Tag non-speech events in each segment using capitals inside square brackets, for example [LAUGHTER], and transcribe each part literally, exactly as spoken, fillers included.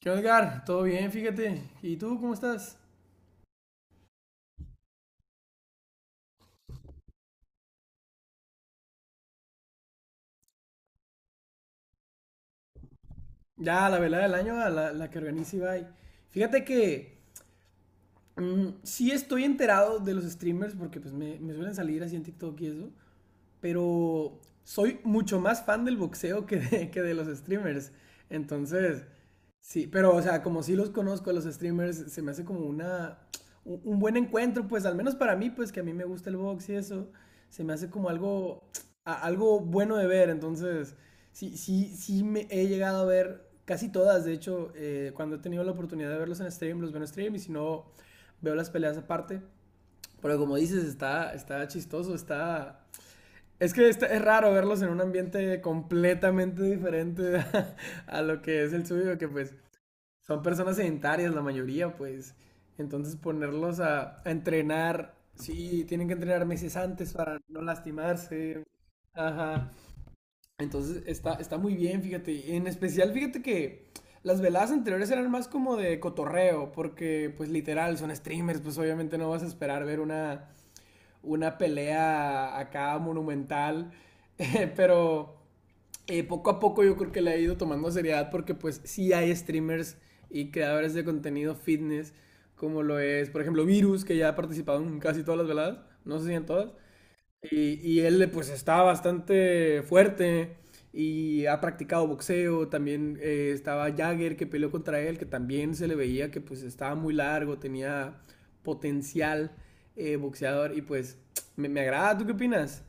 ¿Qué onda, Edgar? Todo bien, fíjate. ¿Y tú cómo estás? Ya, la velada del año, a la, la que organiza Ibai. Fíjate que mm, sí estoy enterado de los streamers porque pues me, me suelen salir así en TikTok y eso. Pero soy mucho más fan del boxeo que de, que de los streamers. Entonces, sí, pero o sea, como sí los conozco a los streamers, se me hace como una, un, un buen encuentro, pues al menos para mí, pues que a mí me gusta el box y eso, se me hace como algo, a- algo bueno de ver. Entonces, sí, sí, sí me he llegado a ver casi todas, de hecho, eh, cuando he tenido la oportunidad de verlos en stream, los veo en stream y si no, veo las peleas aparte. Pero como dices, está, está chistoso, está es que está- es raro verlos en un ambiente completamente diferente [LAUGHS] a, a lo que es el suyo, que pues son personas sedentarias la mayoría, pues. Entonces ponerlos a, a entrenar, sí, tienen que entrenar meses antes para no lastimarse. Ajá. Entonces está, está muy bien, fíjate. Y en especial, fíjate que las veladas anteriores eran más como de cotorreo, porque pues literal, son streamers, pues obviamente no vas a esperar ver una una pelea acá monumental, [LAUGHS] eh, pero eh, poco a poco yo creo que le ha ido tomando seriedad porque pues sí hay streamers y creadores de contenido fitness como lo es, por ejemplo, Virus, que ya ha participado en casi todas las veladas, no sé si en todas, y, y él pues está bastante fuerte y ha practicado boxeo, también eh, estaba Jagger que peleó contra él, que también se le veía que pues estaba muy largo, tenía potencial eh, boxeador y pues me, me agrada. ¿Tú qué opinas?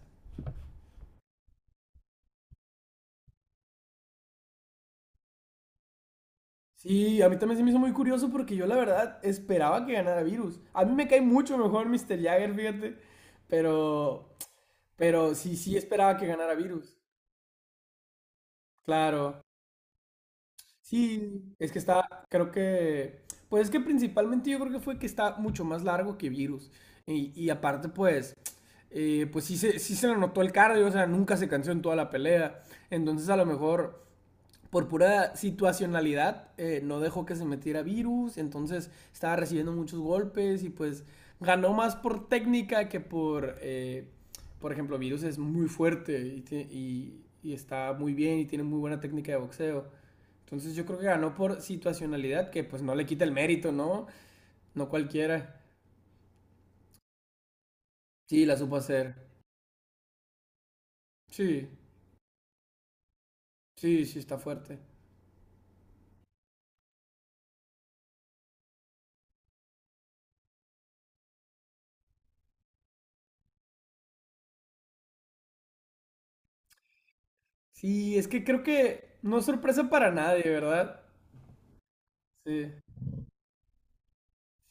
Sí, a mí también se me hizo muy curioso porque yo la verdad esperaba que ganara Virus. A mí me cae mucho mejor mister Jagger, fíjate, pero, pero sí, sí esperaba que ganara Virus. Claro. Sí, es que está, creo que, pues es que principalmente yo creo que fue que está mucho más largo que Virus. Y, y aparte, pues, eh, pues sí se, sí se le notó el cardio, o sea, nunca se cansó en toda la pelea. Entonces, a lo mejor, por pura situacionalidad, eh, no dejó que se metiera virus, entonces estaba recibiendo muchos golpes y pues ganó más por técnica que por, eh, por ejemplo, virus es muy fuerte y, y, y, está muy bien y tiene muy buena técnica de boxeo. Entonces yo creo que ganó por situacionalidad, que pues no le quita el mérito, ¿no? No cualquiera. Sí, la supo hacer. Sí, sí, sí, está fuerte. Sí, es que creo que no es sorpresa para nadie, ¿verdad? Sí.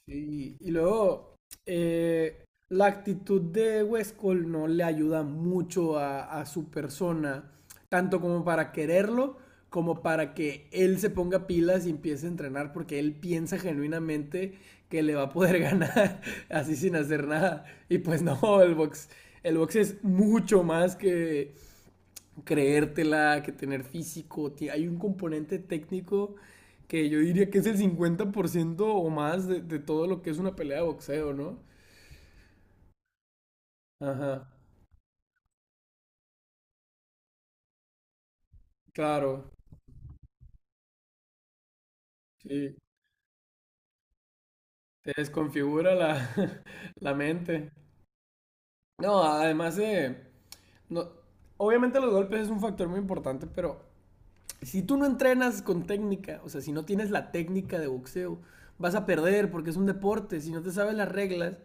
Sí, y luego eh, la actitud de Westcol no le ayuda mucho a, a su persona, tanto como para quererlo, como para que él se ponga pilas y empiece a entrenar, porque él piensa genuinamente que le va a poder [LAUGHS] ganar así sin hacer nada. Y pues no, el box, el box es mucho más que creértela, que tener físico. Hay un componente técnico que yo diría que es el cincuenta por ciento o más de, de todo lo que es una pelea de boxeo, ¿no? Ajá, claro, sí. Te desconfigura la, [LAUGHS] la mente. No, además de... No, obviamente los golpes es un factor muy importante, pero si tú no entrenas con técnica, o sea, si no tienes la técnica de boxeo, vas a perder porque es un deporte. Si no te sabes las reglas,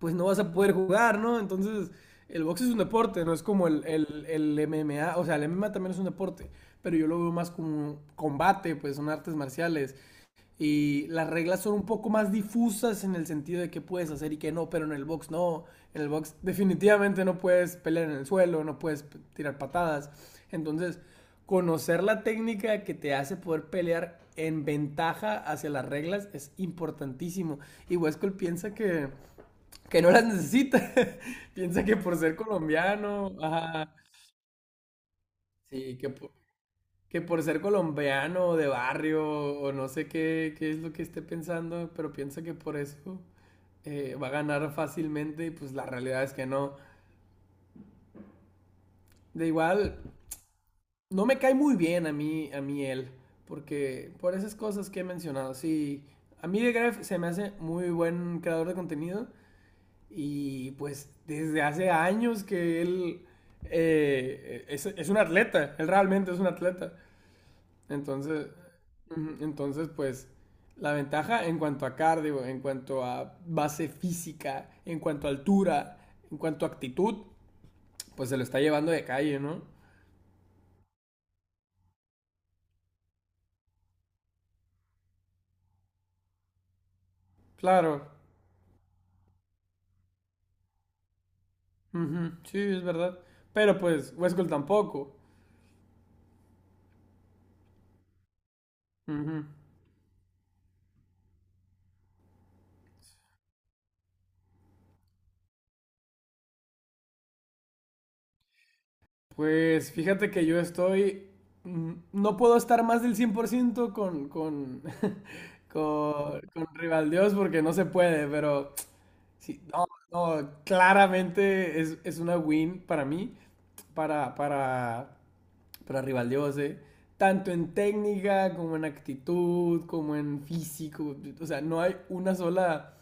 pues no vas a poder jugar, ¿no? Entonces, el box es un deporte, no es como el, el, el M M A, o sea, el M M A también es un deporte, pero yo lo veo más como un combate, pues son artes marciales y las reglas son un poco más difusas en el sentido de qué puedes hacer y qué no, pero en el box no, en el box definitivamente no puedes pelear en el suelo, no puedes tirar patadas, entonces conocer la técnica que te hace poder pelear en ventaja hacia las reglas es importantísimo. Y Wescol piensa que que no las necesita. [LAUGHS] Piensa que por ser colombiano, ajá, sí, que por, que por ser colombiano de barrio o no sé qué, qué es lo que esté pensando, pero piensa que por eso eh, va a ganar fácilmente y pues la realidad es que no. De igual, no me cae muy bien a mí, a mí él, porque por esas cosas que he mencionado, sí, a mí de Gref se me hace muy buen creador de contenido, y pues desde hace años que él eh, es, es un atleta, él realmente es un atleta. Entonces, ujú, entonces pues la ventaja en cuanto a cardio, en cuanto a base física, en cuanto a altura, en cuanto a actitud, pues se lo está llevando de calle, ¿no? Claro, ujú, sí, es verdad. Pero pues Westcott tampoco. Ujú. Pues fíjate que yo estoy, mm, no puedo estar más del cien por ciento con, con, [LAUGHS] con, con Rivaldiós porque no se puede, pero sí, no, no, claramente es, es una win para mí, para, para, para Rivaldiós, eh, tanto en técnica como en actitud, como en físico, o sea, no hay una sola,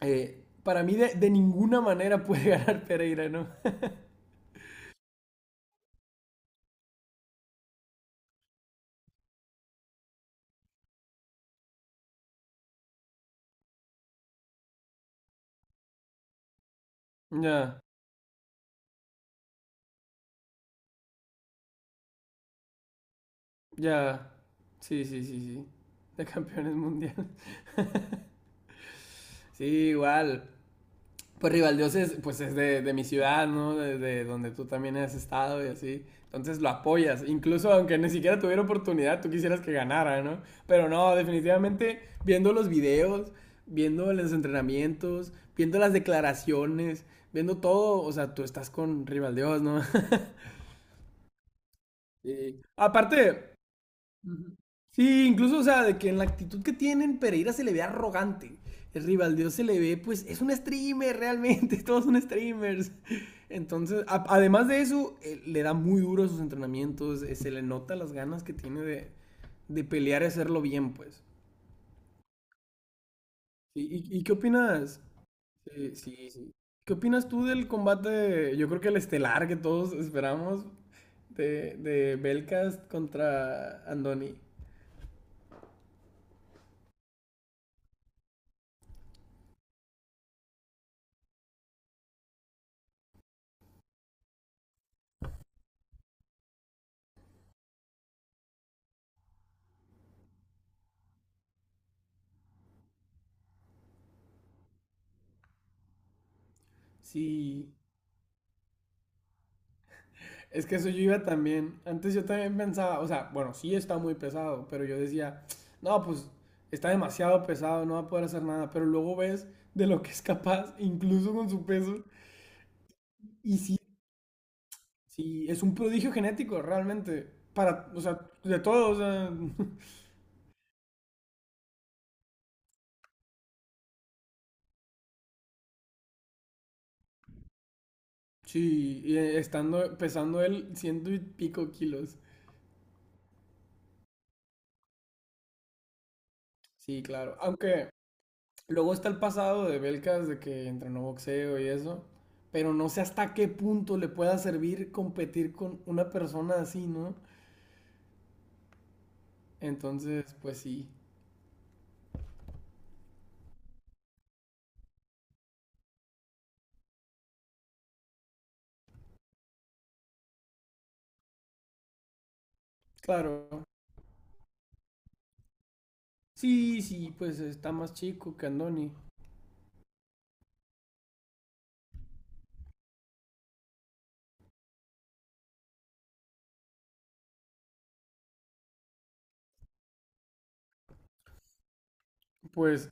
eh, para mí de, de ninguna manera puede [LAUGHS] ganar Pereira, ¿no? [LAUGHS] Ya. Ya. Sí, sí, sí, sí. De campeones mundiales. [LAUGHS] Sí, igual. Pues Rivaldios es, pues es de, de mi ciudad, ¿no? Desde donde tú también has estado y así. Entonces lo apoyas. Incluso aunque ni siquiera tuviera oportunidad, tú quisieras que ganara, ¿no? Pero no, definitivamente viendo los videos, viendo los entrenamientos, viendo las declaraciones, viendo todo, o sea, tú estás con Rivaldios, ¿no? [LAUGHS] Sí. Aparte, ujú. Sí, incluso, o sea, de que en la actitud que tienen, Pereira se le ve arrogante. El Rivaldo se le ve, pues, es un streamer realmente, [LAUGHS] todos son streamers. Entonces, a- además de eso, eh, le da muy duro a sus entrenamientos, eh, se le nota las ganas que tiene de, de pelear y hacerlo bien, pues. Sí, ¿y, y qué opinas? Sí, sí, sí. ¿Qué opinas tú del combate, yo creo que el estelar que todos esperamos, de, de Belcast contra Andoni? Sí. Es que eso yo iba también. Antes yo también pensaba, o sea, bueno, sí está muy pesado, pero yo decía, no, pues está demasiado pesado, no va a poder hacer nada. Pero luego ves de lo que es capaz, incluso con su peso. Y sí, sí, es un prodigio genético, realmente. Para, o sea, de todos, o sea, [LAUGHS] sí, y, eh, estando pesando él ciento y pico kilos. Sí, claro. Aunque luego está el pasado de Belkas de que entrenó boxeo y eso, pero no sé hasta qué punto le pueda servir competir con una persona así, ¿no? Entonces, pues sí, claro. Sí, sí, pues está más chico que Andoni. Pues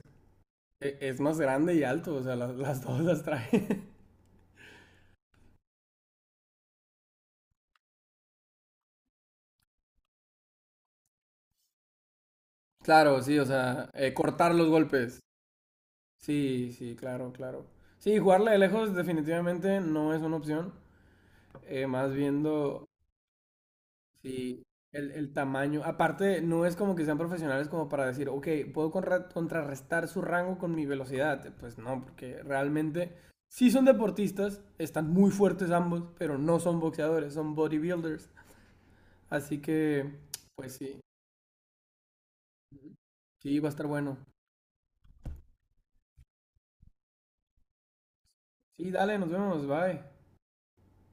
e- es más grande y alto, o sea, las, las dos las trae. [LAUGHS] Claro, sí, o sea, eh, cortar los golpes. Sí, sí, claro, claro. Sí, jugarle de lejos definitivamente no es una opción. Eh, más viendo sí, el, el tamaño. Aparte, no es como que sean profesionales como para decir, ok, puedo contra- contrarrestar su rango con mi velocidad. Pues no, porque realmente sí son deportistas, están muy fuertes ambos, pero no son boxeadores, son bodybuilders. Así que, pues sí, sí, va a estar bueno. Sí, dale, nos vemos, bye.